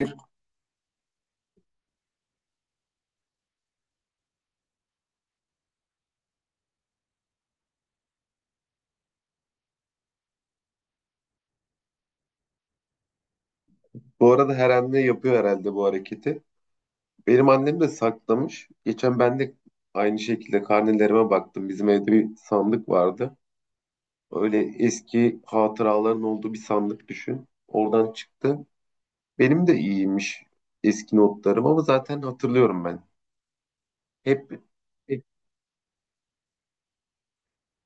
Bir. Bu arada her anne yapıyor herhalde bu hareketi. Benim annem de saklamış. Geçen ben de aynı şekilde karnelerime baktım. Bizim evde bir sandık vardı. Öyle eski hatıraların olduğu bir sandık düşün. Oradan çıktı. Benim de iyiymiş eski notlarım ama zaten hatırlıyorum ben. Hep, hep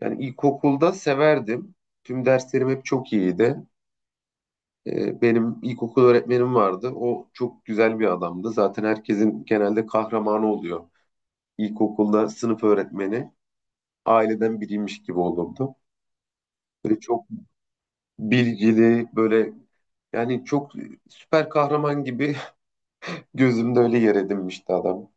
yani ilkokulda severdim. Tüm derslerim hep çok iyiydi. Benim ilkokul öğretmenim vardı. O çok güzel bir adamdı. Zaten herkesin genelde kahramanı oluyor. İlkokulda sınıf öğretmeni aileden biriymiş gibi olurdu. Böyle çok bilgili, böyle yani çok süper kahraman gibi gözümde öyle yer edinmişti adam.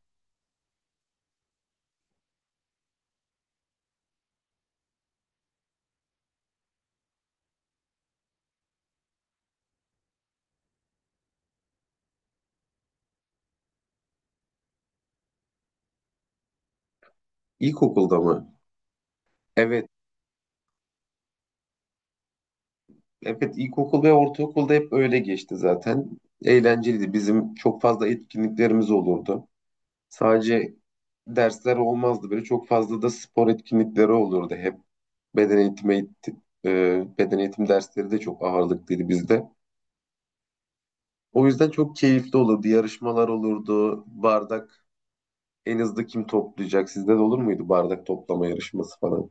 İlkokulda mı? Evet. Evet, ilkokul ve ortaokulda hep öyle geçti zaten. Eğlenceliydi. Bizim çok fazla etkinliklerimiz olurdu. Sadece dersler olmazdı. Böyle çok fazla da spor etkinlikleri olurdu hep. Beden eğitimi, beden eğitim dersleri de çok ağırlıklıydı bizde. O yüzden çok keyifli olurdu. Yarışmalar olurdu. Bardak en hızlı kim toplayacak? Sizde de olur muydu bardak toplama yarışması falan?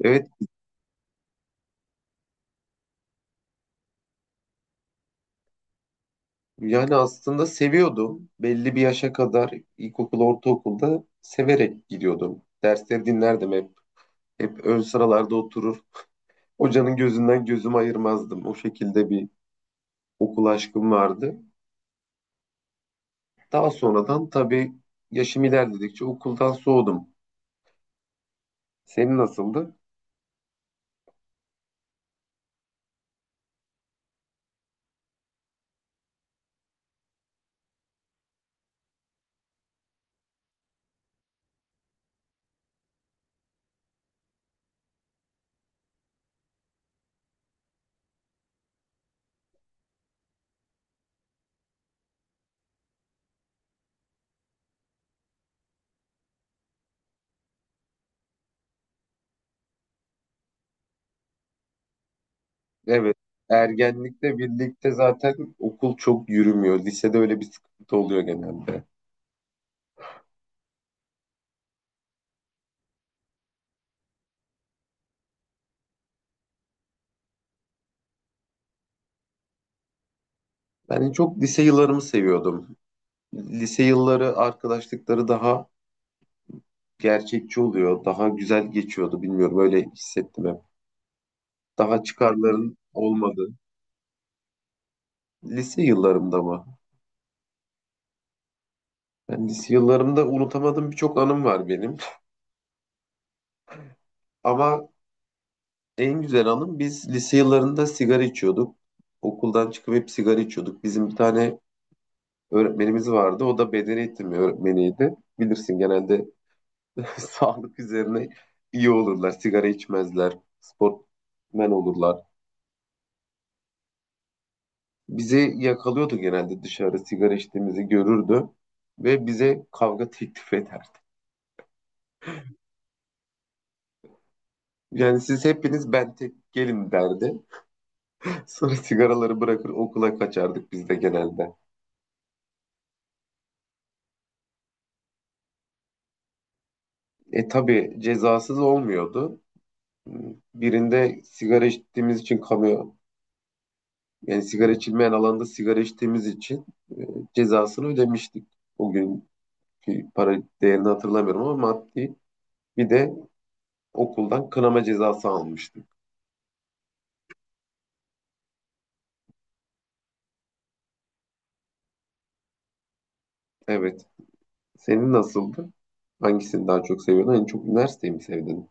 Evet, yani aslında seviyordum. Belli bir yaşa kadar ilkokul, ortaokulda severek gidiyordum. Dersleri dinlerdim hep. Hep ön sıralarda oturur. Hocanın gözünden gözümü ayırmazdım. O şekilde bir okul aşkım vardı. Daha sonradan tabii yaşım ilerledikçe okuldan soğudum. Senin nasıldı? Evet. Ergenlikle birlikte zaten okul çok yürümüyor. Lisede öyle bir sıkıntı oluyor genelde. Ben en çok lise yıllarımı seviyordum. Lise yılları, arkadaşlıkları daha gerçekçi oluyor. Daha güzel geçiyordu. Bilmiyorum öyle hissettim hep. Daha çıkarların olmadı. Lise yıllarımda mı? Ben lise yıllarımda unutamadığım birçok anım var benim. Ama en güzel anım biz lise yıllarında sigara içiyorduk. Okuldan çıkıp hep sigara içiyorduk. Bizim bir tane öğretmenimiz vardı. O da beden eğitimi öğretmeniydi. Bilirsin genelde sağlık üzerine iyi olurlar. Sigara içmezler. Sportmen olurlar. Bizi yakalıyordu genelde, dışarı sigara içtiğimizi görürdü ve bize kavga teklif ederdi. Yani siz hepiniz, ben tek gelin derdi. Sonra sigaraları bırakır okula kaçardık biz de genelde. E tabii cezasız olmuyordu. Birinde sigara içtiğimiz için kamu, yani sigara içilmeyen alanda sigara içtiğimiz için e, cezasını ödemiştik. O günkü para değerini hatırlamıyorum ama maddi bir de okuldan kınama cezası almıştık. Evet. Senin nasıldı? Hangisini daha çok seviyordun? En çok üniversiteyi mi sevdin?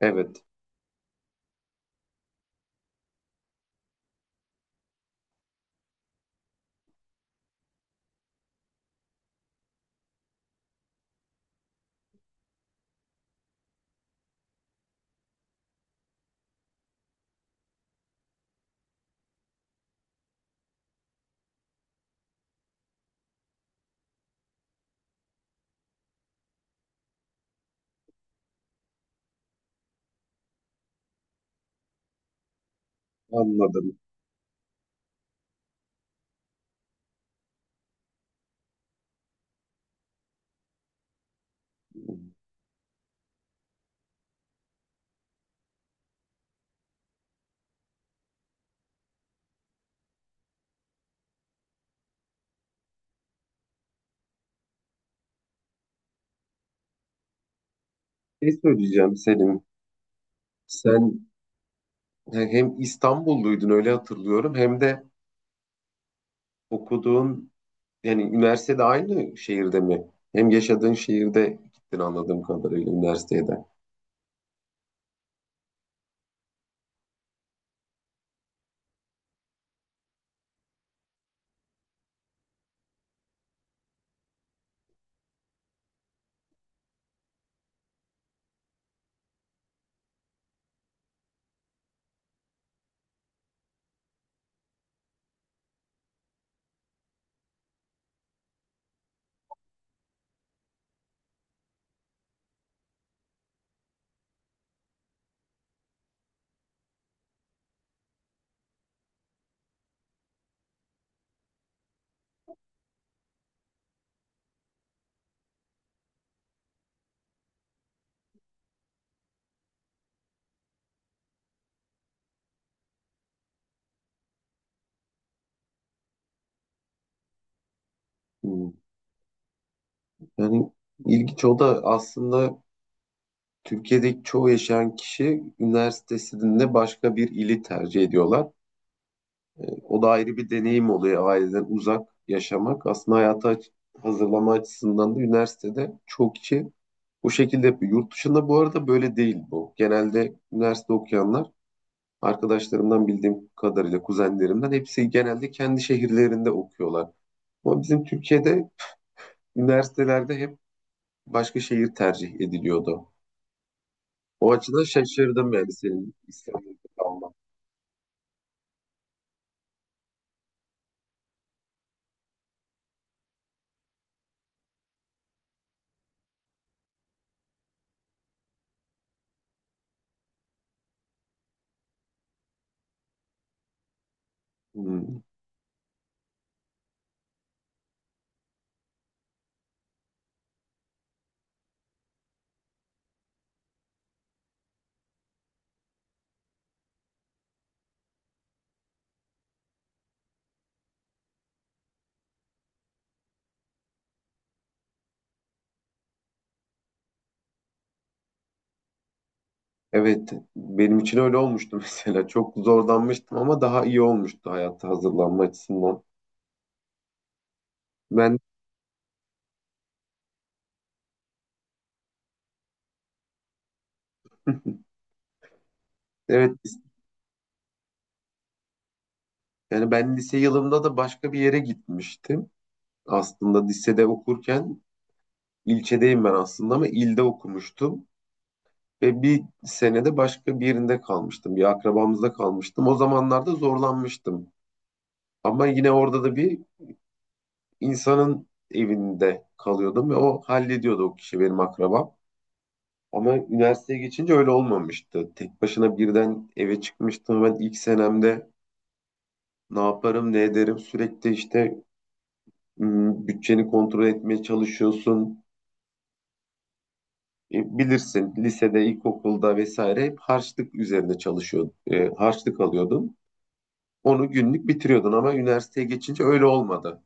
Evet, anladım. Ne söyleyeceğim Selim? Sen hem İstanbulluydun öyle hatırlıyorum hem de okuduğun yani üniversitede aynı şehirde mi? Hem yaşadığın şehirde gittin anladığım kadarıyla üniversiteye de. Hmm. Yani ilginç, o da aslında Türkiye'deki çoğu yaşayan kişi üniversitesinde başka bir ili tercih ediyorlar. O da ayrı bir deneyim oluyor aileden uzak yaşamak. Aslında hayata hazırlama açısından da üniversitede çoğu kişi bu şekilde yapıyor. Yurt dışında bu arada böyle değil bu. Genelde üniversite okuyanlar, arkadaşlarımdan bildiğim kadarıyla, kuzenlerimden hepsi genelde kendi şehirlerinde okuyorlar. Ama bizim Türkiye'de üniversitelerde hep başka şehir tercih ediliyordu. O açıdan şaşırdım yani senin İstanbul'da kalman. Hmm. Evet, benim için öyle olmuştu mesela. Çok zorlanmıştım ama daha iyi olmuştu hayata hazırlanma açısından. Ben evet yani ben lise yılımda da başka bir yere gitmiştim. Aslında lisede okurken ilçedeyim ben aslında ama ilde okumuştum ve bir senede başka bir yerinde kalmıştım. Bir akrabamızda kalmıştım. O zamanlarda zorlanmıştım. Ama yine orada da bir insanın evinde kalıyordum ve o hallediyordu, o kişi benim akrabam. Ama üniversiteye geçince öyle olmamıştı. Tek başına birden eve çıkmıştım. Ben ilk senemde ne yaparım, ne ederim sürekli işte, bütçeni kontrol etmeye çalışıyorsun. Bilirsin lisede, ilkokulda vesaire hep harçlık üzerine çalışıyordun. Harçlık alıyordun. Onu günlük bitiriyordun ama üniversiteye geçince öyle olmadı.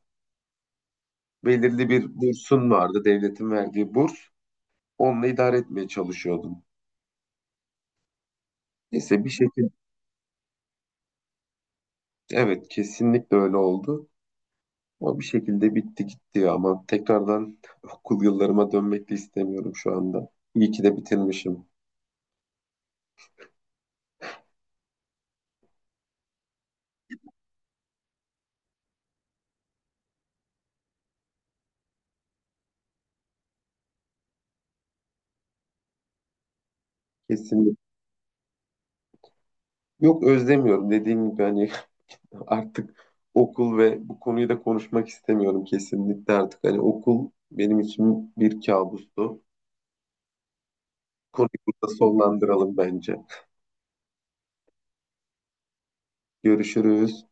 Belirli bir bursun vardı, devletin verdiği burs. Onunla idare etmeye çalışıyordun. Neyse, bir şekilde evet kesinlikle öyle oldu. Ama bir şekilde bitti gitti ya. Ama tekrardan okul yıllarıma dönmek de istemiyorum şu anda. İyi ki de bitirmişim. Kesinlikle. Yok özlemiyorum. Dediğim gibi hani artık okul ve bu konuyu da konuşmak istemiyorum kesinlikle artık. Hani okul benim için bir kabustu. Konuyu burada sonlandıralım bence. Görüşürüz.